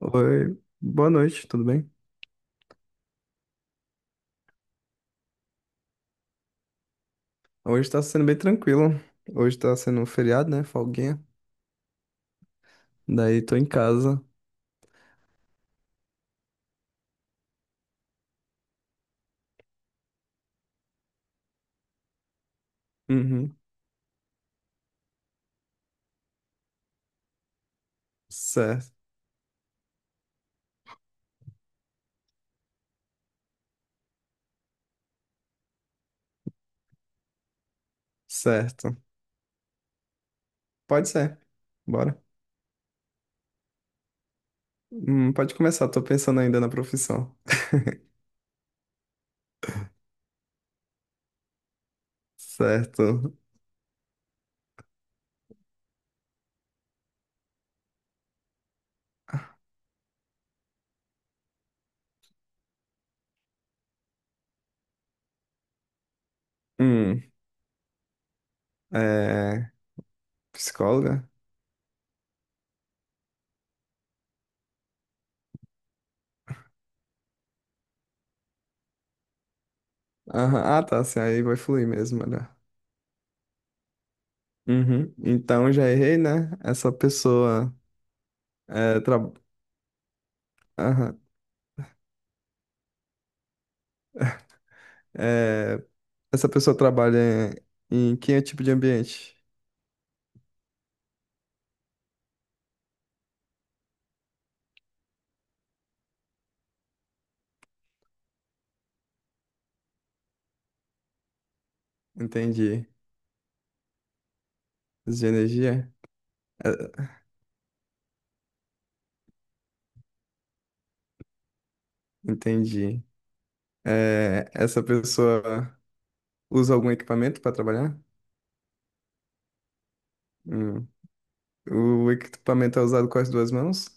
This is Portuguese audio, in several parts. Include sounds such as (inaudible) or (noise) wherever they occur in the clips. Oi, boa noite, tudo bem? Hoje tá sendo bem tranquilo. Hoje tá sendo um feriado, né? Folguinha. Daí tô em casa. Uhum. Certo, certo. Pode ser. Bora. Pode começar, tô pensando ainda na profissão. Certo. Hum, é. Psicóloga? Aham. Ah, tá, assim, aí vai fluir mesmo, olha. Uhum. Então já errei, né? Essa pessoa. É, tra... Aham. É, essa pessoa trabalha em que é tipo de ambiente? Entendi. De energia? Eh, Entendi. Essa pessoa usa algum equipamento para trabalhar? Hum. O equipamento é usado com as duas mãos?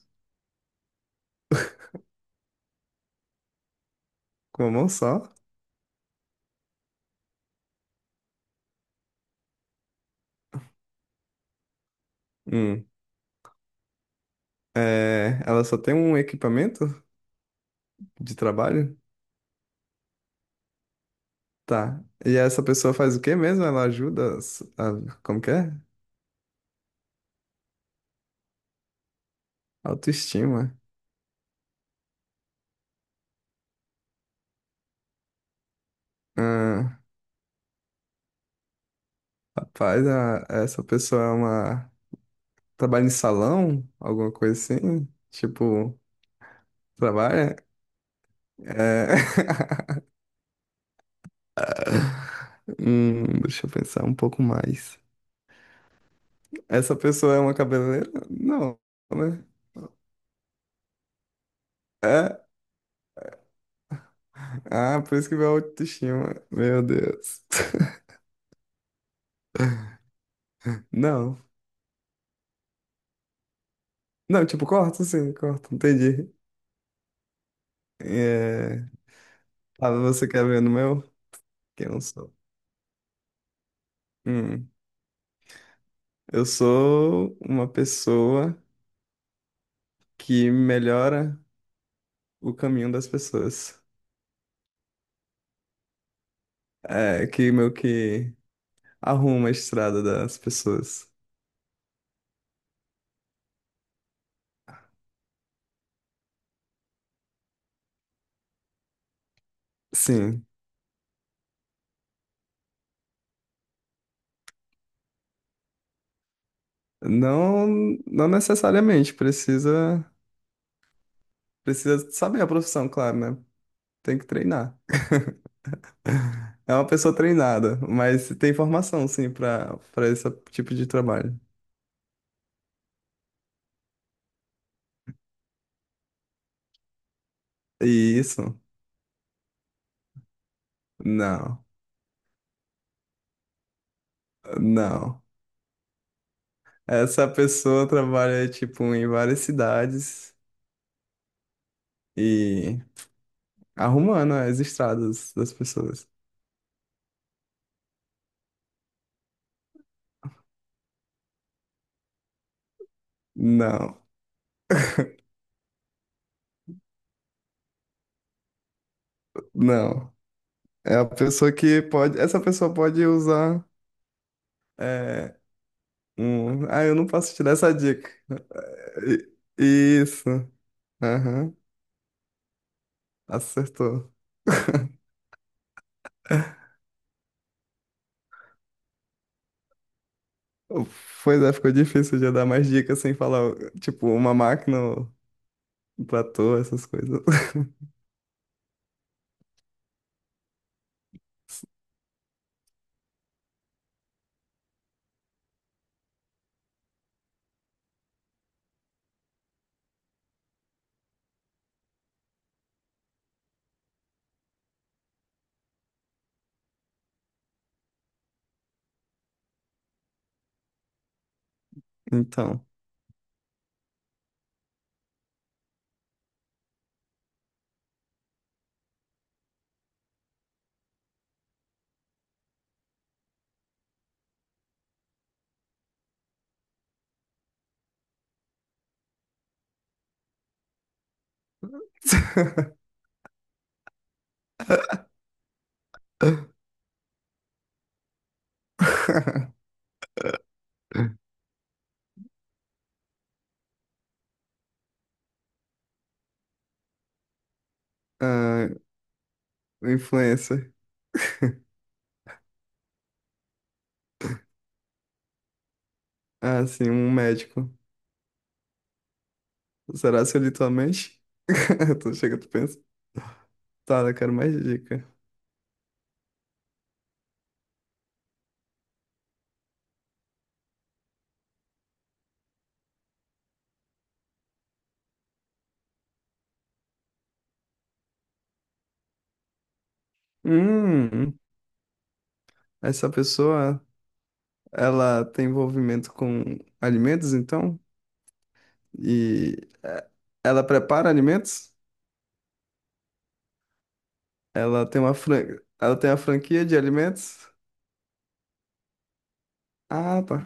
Com uma mão só? Hum. Ela só tem um equipamento de trabalho? Tá. E essa pessoa faz o quê mesmo? Ela ajuda as- a, como que é? Autoestima. Ah, rapaz, a- essa pessoa é uma... Trabalha em salão? Alguma coisa assim? Tipo, trabalha? É... (laughs) deixa eu pensar um pouco mais. Essa pessoa é uma cabeleireira? Não, né? É? Ah, por isso que meu autoestima. Meu Deus. (laughs) Não. Não, tipo, corta sim, corta. Entendi. É... Ah, você quer ver no meu? Que eu não sou. Hum, Eu sou uma pessoa que melhora o caminho das pessoas. É, que meio que arruma a estrada das pessoas. Sim. Não, não necessariamente, precisa, precisa saber a profissão, claro, né? Tem que treinar. É uma pessoa treinada, mas tem formação, sim, para esse tipo de trabalho. E isso? Não, não. Essa pessoa trabalha, tipo, em várias cidades e arrumando as estradas das pessoas. Não, não. É a pessoa que pode. Essa pessoa pode usar. eh, ah, eu não posso te dar essa dica. É, I- Isso. Aham, acertou. (laughs) Pois é, ficou difícil de eu dar mais dicas sem falar, tipo, uma máquina, um platô, essas coisas. (laughs) Então. (laughs) Ah, influencer. (laughs) Ah, sim, um médico. Será se eu li tua mente? (laughs) Tu chega, tu pensa. Tá, eu quero mais dica. Hum, essa pessoa ela tem envolvimento com alimentos, então? E eh, ela prepara alimentos? Ela tem uma fran... ela tem uma franquia de alimentos? Ah, tá.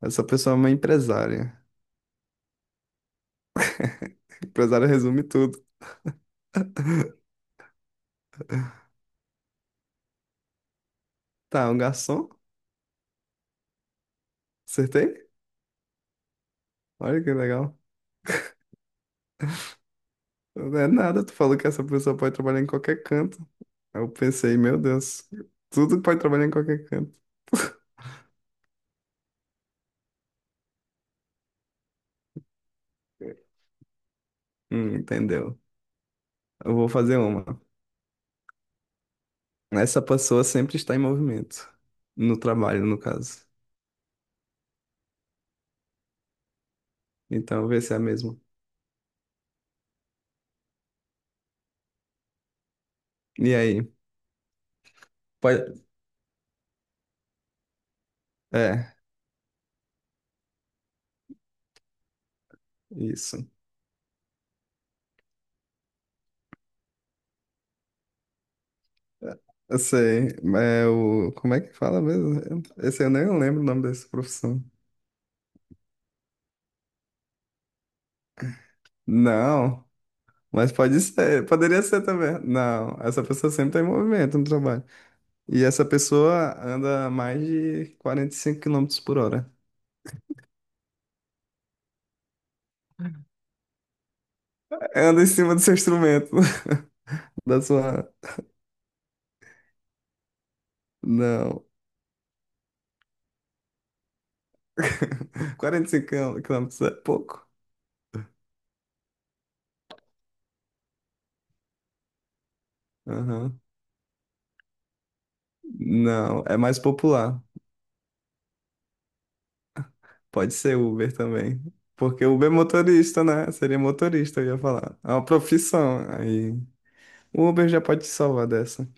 Essa pessoa é uma empresária. Empresária resume tudo. (laughs) Tá, um garçom? Acertei? Olha que legal. Não é nada, tu falou que essa pessoa pode trabalhar em qualquer canto. Aí eu pensei, meu Deus, tudo pode trabalhar em qualquer canto. Entendeu? Eu vou fazer uma. Essa pessoa sempre está em movimento. No trabalho, no caso. Então, vê se é mesmo. E aí? Pode... É, isso. Eu sei. É o... Como é que fala mesmo? Esse eu nem lembro o nome dessa profissão. Não, mas pode ser. Poderia ser também. Não, essa pessoa sempre está em movimento no trabalho. E essa pessoa anda a mais de 45 km por hora. Anda em cima do seu instrumento. (laughs) Da sua. Não. (laughs) 45 km é pouco? Aham. Não, é mais popular. Pode ser Uber também. Porque Uber é motorista, né? Seria motorista, eu ia falar. É uma profissão. Aí o Uber já pode te salvar dessa.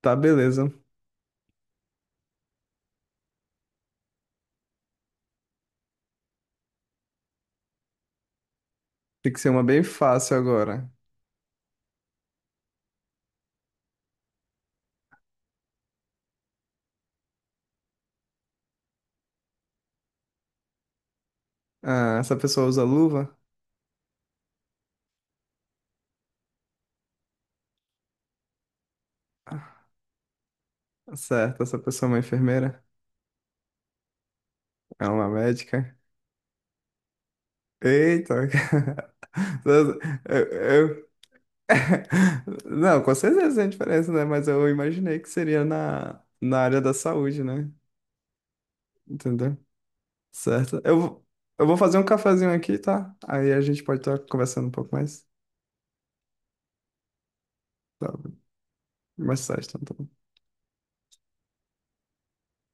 Tá, beleza. Tem que ser uma bem fácil agora. Ah, essa pessoa usa luva? Ah, certo, essa pessoa é uma enfermeira? É uma médica? Eita! (laughs) Eu, eu- (laughs) Não, com certeza tem diferença, né? Mas eu imaginei que seria na área da saúde, né? Entendeu? Certo? Eu vou fazer um cafezinho aqui, tá? Aí a gente pode estar conversando um pouco mais, tá? Mais tarde, então. Tá bom.